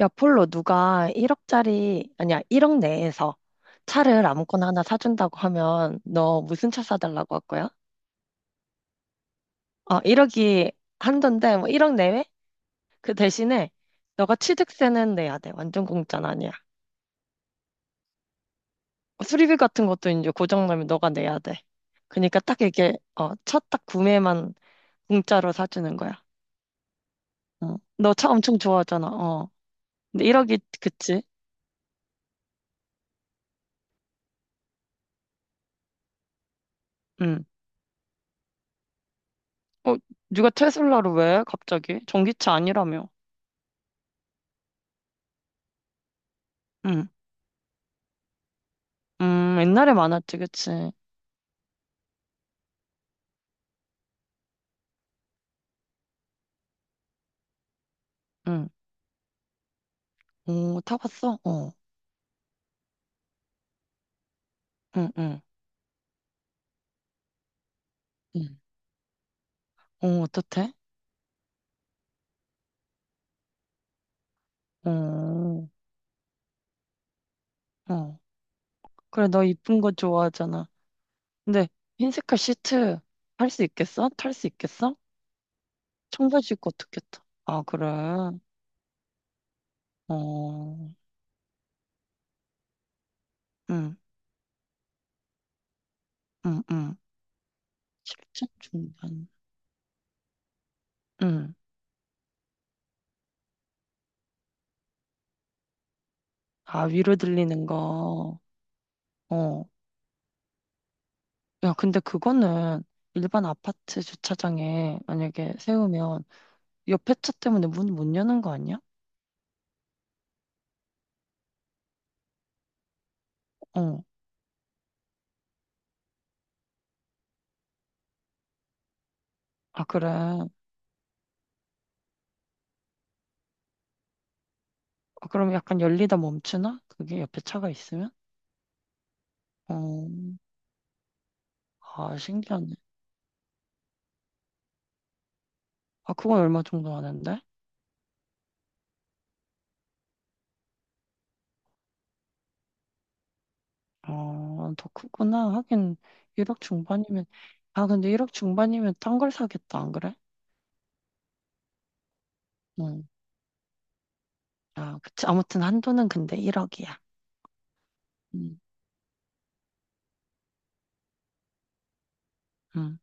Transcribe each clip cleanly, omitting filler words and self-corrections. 야, 폴로, 누가 1억짜리, 아니야, 1억 내에서 차를 아무거나 하나 사준다고 하면 너 무슨 차 사달라고 할 거야? 1억이 한돈데, 뭐 1억 내외? 그 대신에 너가 취득세는 내야 돼. 완전 공짜는 아니야. 뭐 수리비 같은 것도 이제 고장나면 너가 내야 돼. 그러니까 딱 이게, 첫 딱 구매만 공짜로 사주는 거야. 응. 너차 엄청 좋아하잖아. 어. 근데 1억이, 그치? 응. 어, 누가 테슬라를 왜? 갑자기? 전기차 아니라며. 응. 옛날에 많았지, 그치? 응. 오, 타봤어? 어. 응, 응. 응. 어, 어떻대? 어, 어. 그래, 너 이쁜 거 좋아하잖아. 근데 흰색깔 시트 탈 수 있겠어? 탈 수 있겠어? 청바지 입고 어떻게 타? 아, 그래. 어, 응, 응, 응. 7천 중반. 응. 아, 위로 들리는 거. 어. 야, 근데 그거는 일반 아파트 주차장에 만약에 세우면 옆에 차 때문에 문 못 여는 거 아니야? 어. 아, 그래. 아, 그럼 약간 열리다 멈추나? 그게 옆에 차가 있으면? 어. 아, 신기하네. 아, 그건 얼마 정도 하는데? 더 크구나. 하긴, 1억 중반이면, 아, 근데 1억 중반이면 딴 걸 사겠다, 안 그래? 응. 아, 그치. 아무튼 한도는 근데 1억이야. 응, 응.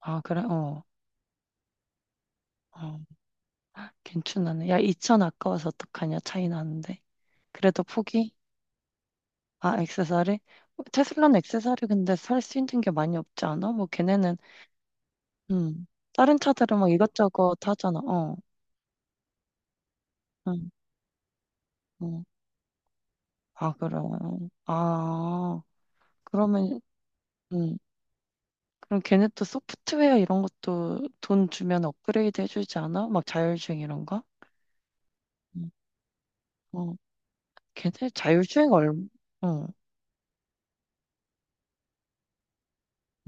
아, 그래? 어, 어. 괜찮네. 야, 2천 아까워서 어떡하냐, 차이 나는데. 그래도 포기? 아, 액세서리? 테슬라는 액세서리 근데 살 수 있는 게 많이 없지 않아? 뭐, 걔네는 음. 다른 카드를 막 이것저것 하잖아. 어, 응, 어. 아, 그래. 아, 그러면, 음. 그럼 걔네 또 소프트웨어 이런 것도 돈 주면 업그레이드 해주지 않아? 막 자율주행 이런 거? 음. 어, 걔네 자율주행 얼, 어,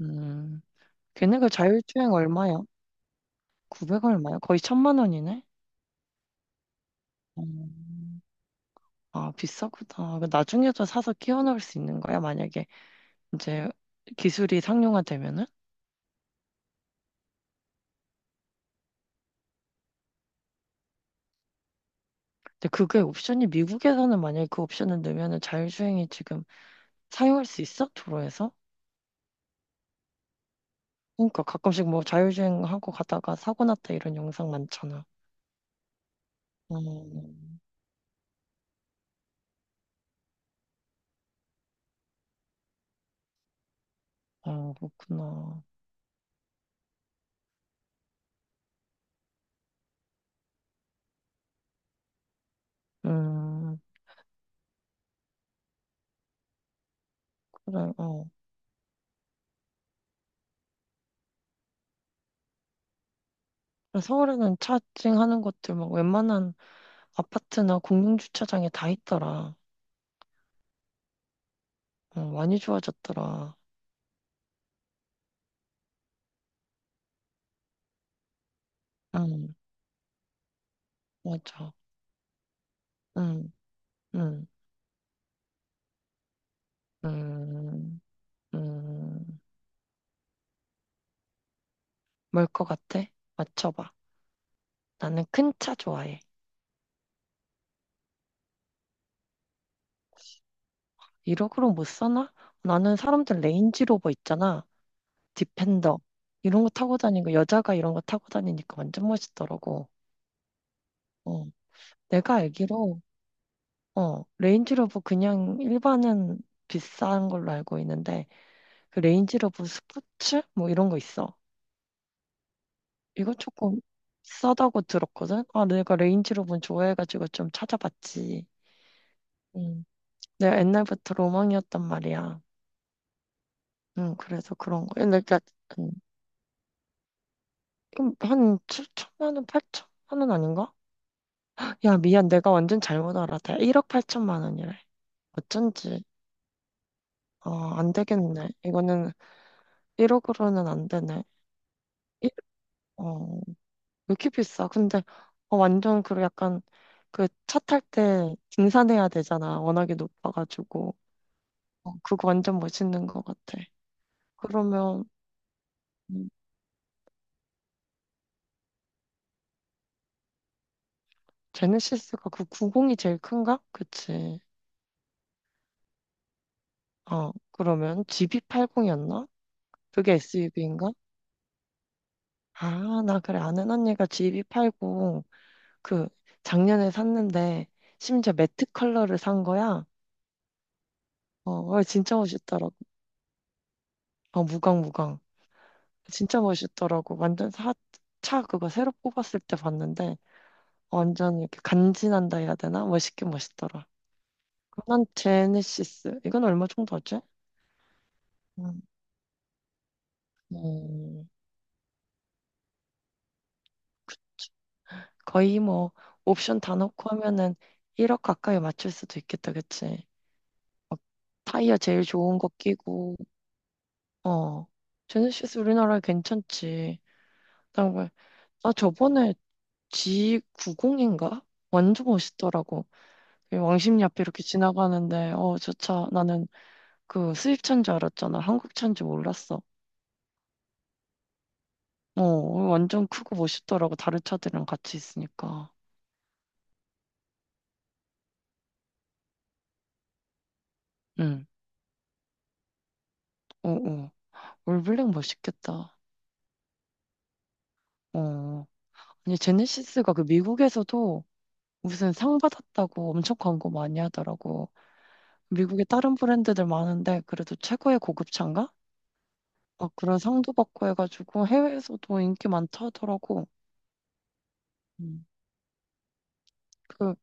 음. 걔네가 자율주행 얼마야? 900 얼마야? 거의 천만 원이네? 음. 아, 비싸구나. 그 나중에도 사서 끼워 넣을 수 있는 거야? 만약에 이제 기술이 상용화되면은? 근데 그게 옵션이 미국에서는 만약에 그 옵션을 넣으면은 자율주행이 지금 사용할 수 있어? 도로에서? 그러니까 가끔씩 뭐 자율주행하고 가다가 사고 났다 이런 영상 많잖아. 음, 아, 그렇구나. 음, 그래, 어. 그래, 서울에는 차징하는 것들 막 웬만한 아파트나 공용주차장에 다 있더라. 어, 많이 좋아졌더라. 음, 맞아. 음, 음, 음, 음. 뭘 것 같아? 맞춰봐. 나는 큰 차 좋아해. 이러으로 못 사나? 나는 사람들 레인지로버 있잖아. 디펜더. 이런 거 타고 다니고, 여자가 이런 거 타고 다니니까 완전 멋있더라고. 어. 내가 알기로, 어, 레인지로버 그냥 일반은 비싼 걸로 알고 있는데, 그 레인지로버 스포츠? 뭐 이런 거 있어. 이거 조금 비싸다고 들었거든? 아, 내가 레인지로버 좋아해가지고 좀 찾아봤지. 음. 내가 옛날부터 로망이었단 말이야. 그래서 그런 거. 그러니까 음, 그럼 한 7천만 원, 8천만 원 아닌가? 야, 미안. 내가 완전 잘못 알았다. 1억 8천만 원이래. 어쩐지. 어, 안 되겠네. 이거는 1억으로는 안 되네. 일- 어, 왜 이렇게 비싸? 근데 어, 완전 그 약간 그 차 탈 때 등산해야 되잖아. 워낙에 높아가지고. 어, 그거 완전 멋있는 것 같아. 그러면 음, 제네시스가 그 90이 제일 큰가? 그치. 어, 그러면 GB80이었나? 그게 SUV인가? 아, 나 그래. 아는 언니가 GV80 그 작년에 샀는데 심지어 매트 컬러를 산 거야. 어, 어, 진짜 멋있더라고. 어, 무광, 무광. 진짜 멋있더라고. 차 그거 새로 뽑았을 때 봤는데 완전 이렇게 간지난다 해야 되나? 멋있긴 멋있더라. 그 제네시스. 이건 얼마 정도 하지? 음, 음, 거의 뭐 옵션 다 넣고 하면은 1억 가까이 맞출 수도 있겠다, 그치? 타이어 제일 좋은 거 끼고 어. 제네시스 우리나라에 괜찮지. 그다음에 나 저번에 G90인가? 완전 멋있더라고. 그 왕십리 앞에 이렇게 지나가는데, 어, 저 차, 나는 그 수입차인 줄 알았잖아. 한국차인 줄 몰랐어. 어, 완전 크고 멋있더라고. 다른 차들이랑 같이 있으니까. 응, 어, 어. 올블랙 멋있겠다. 어. 아니, 제네시스가 그 미국에서도 무슨 상 받았다고 엄청 광고 많이 하더라고. 미국에 다른 브랜드들 많은데 그래도 최고의 고급차인가? 막 그런 상도 받고 해가지고 해외에서도 인기 많다더라고. 음. 그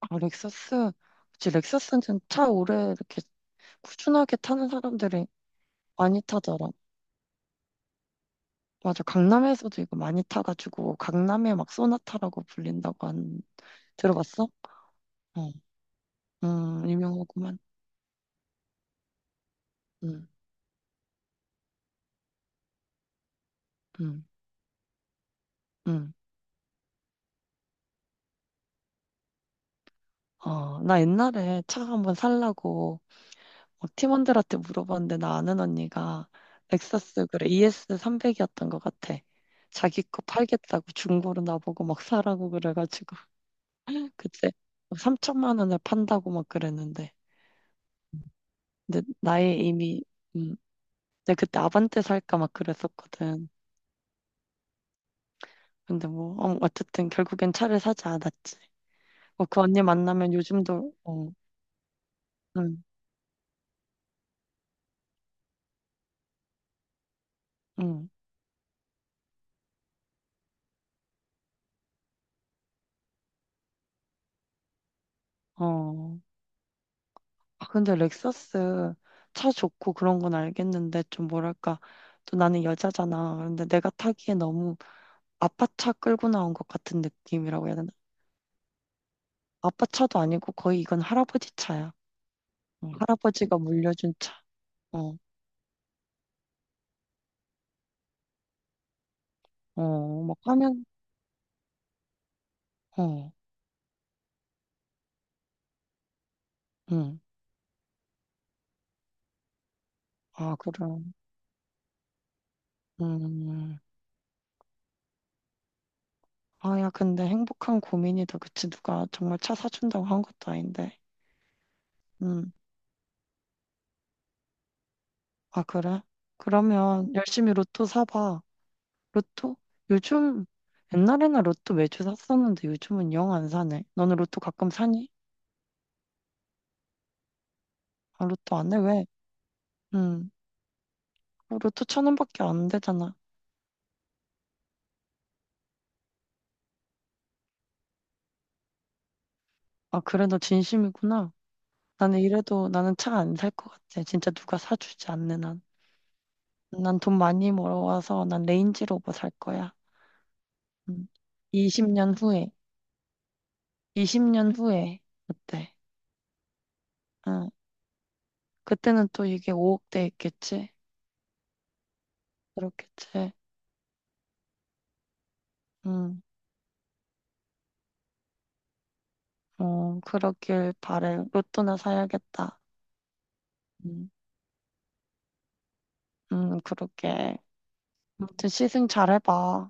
아, 렉서스 그치 렉서스는 차 오래 이렇게 꾸준하게 타는 사람들이 많이 타더라. 맞아 강남에서도 이거 많이 타가지고 강남의 막 소나타라고 불린다고 한 들어봤어? 어, 유명하구만. 응, 응, 응. 어, 나 옛날에 차 한번 살라고 어, 팀원들한테 물어봤는데 나 아는 언니가 렉서스 그래 ES300이었던 것 같아. 자기 거 팔겠다고 중고로 나보고 막 사라고 그래가지고 그때 막 3천만 원에 판다고 막 그랬는데 근데 나의 이미 음, 내가 그때 아반떼 살까 막 그랬었거든. 근데 뭐 어, 어쨌든 결국엔 차를 사지 않았지. 어, 그 언니 만나면 요즘도 어, 응, 응, 어. 아, 근데 렉서스 차 좋고 그런 건 알겠는데 좀 뭐랄까 또 나는 여자잖아. 그런데 내가 타기에 너무 아빠 차 끌고 나온 것 같은 느낌이라고 해야 되나? 아빠 차도 아니고 거의 이건 할아버지 차야. 어, 할아버지가 물려준 차. 어, 어, 막 화면 어, 응. 아, 그럼. 음. 아, 야, 근데 행복한 고민이다. 그치? 누가 정말 차 사준다고 한 것도 아닌데. 음. 아, 그래? 그러면 열심히 로또 사봐. 로또? 요즘 옛날에는 로또 매주 샀었는데 요즘은 영 안 사네. 너는 로또 가끔 사니? 아, 로또 안 해? 왜? 응. 어, 로또 천 원밖에 안 되잖아. 아, 그래, 너 진심이구나. 나는 이래도 나는 차 안 살 것 같아. 진짜 누가 사주지 않는 한. 난 돈 많이 벌어와서 난 레인지 로버 살 거야. 응. 20년 후에. 20년 후에. 어때? 응. 그때는 또 이게 5억대 있겠지? 그렇겠지? 응. 어, 그러길 바래. 로또나 사야겠다. 음, 그러게. 아무튼 시승 잘해봐.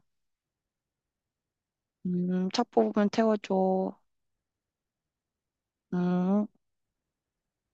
차 뽑으면 태워줘. 음.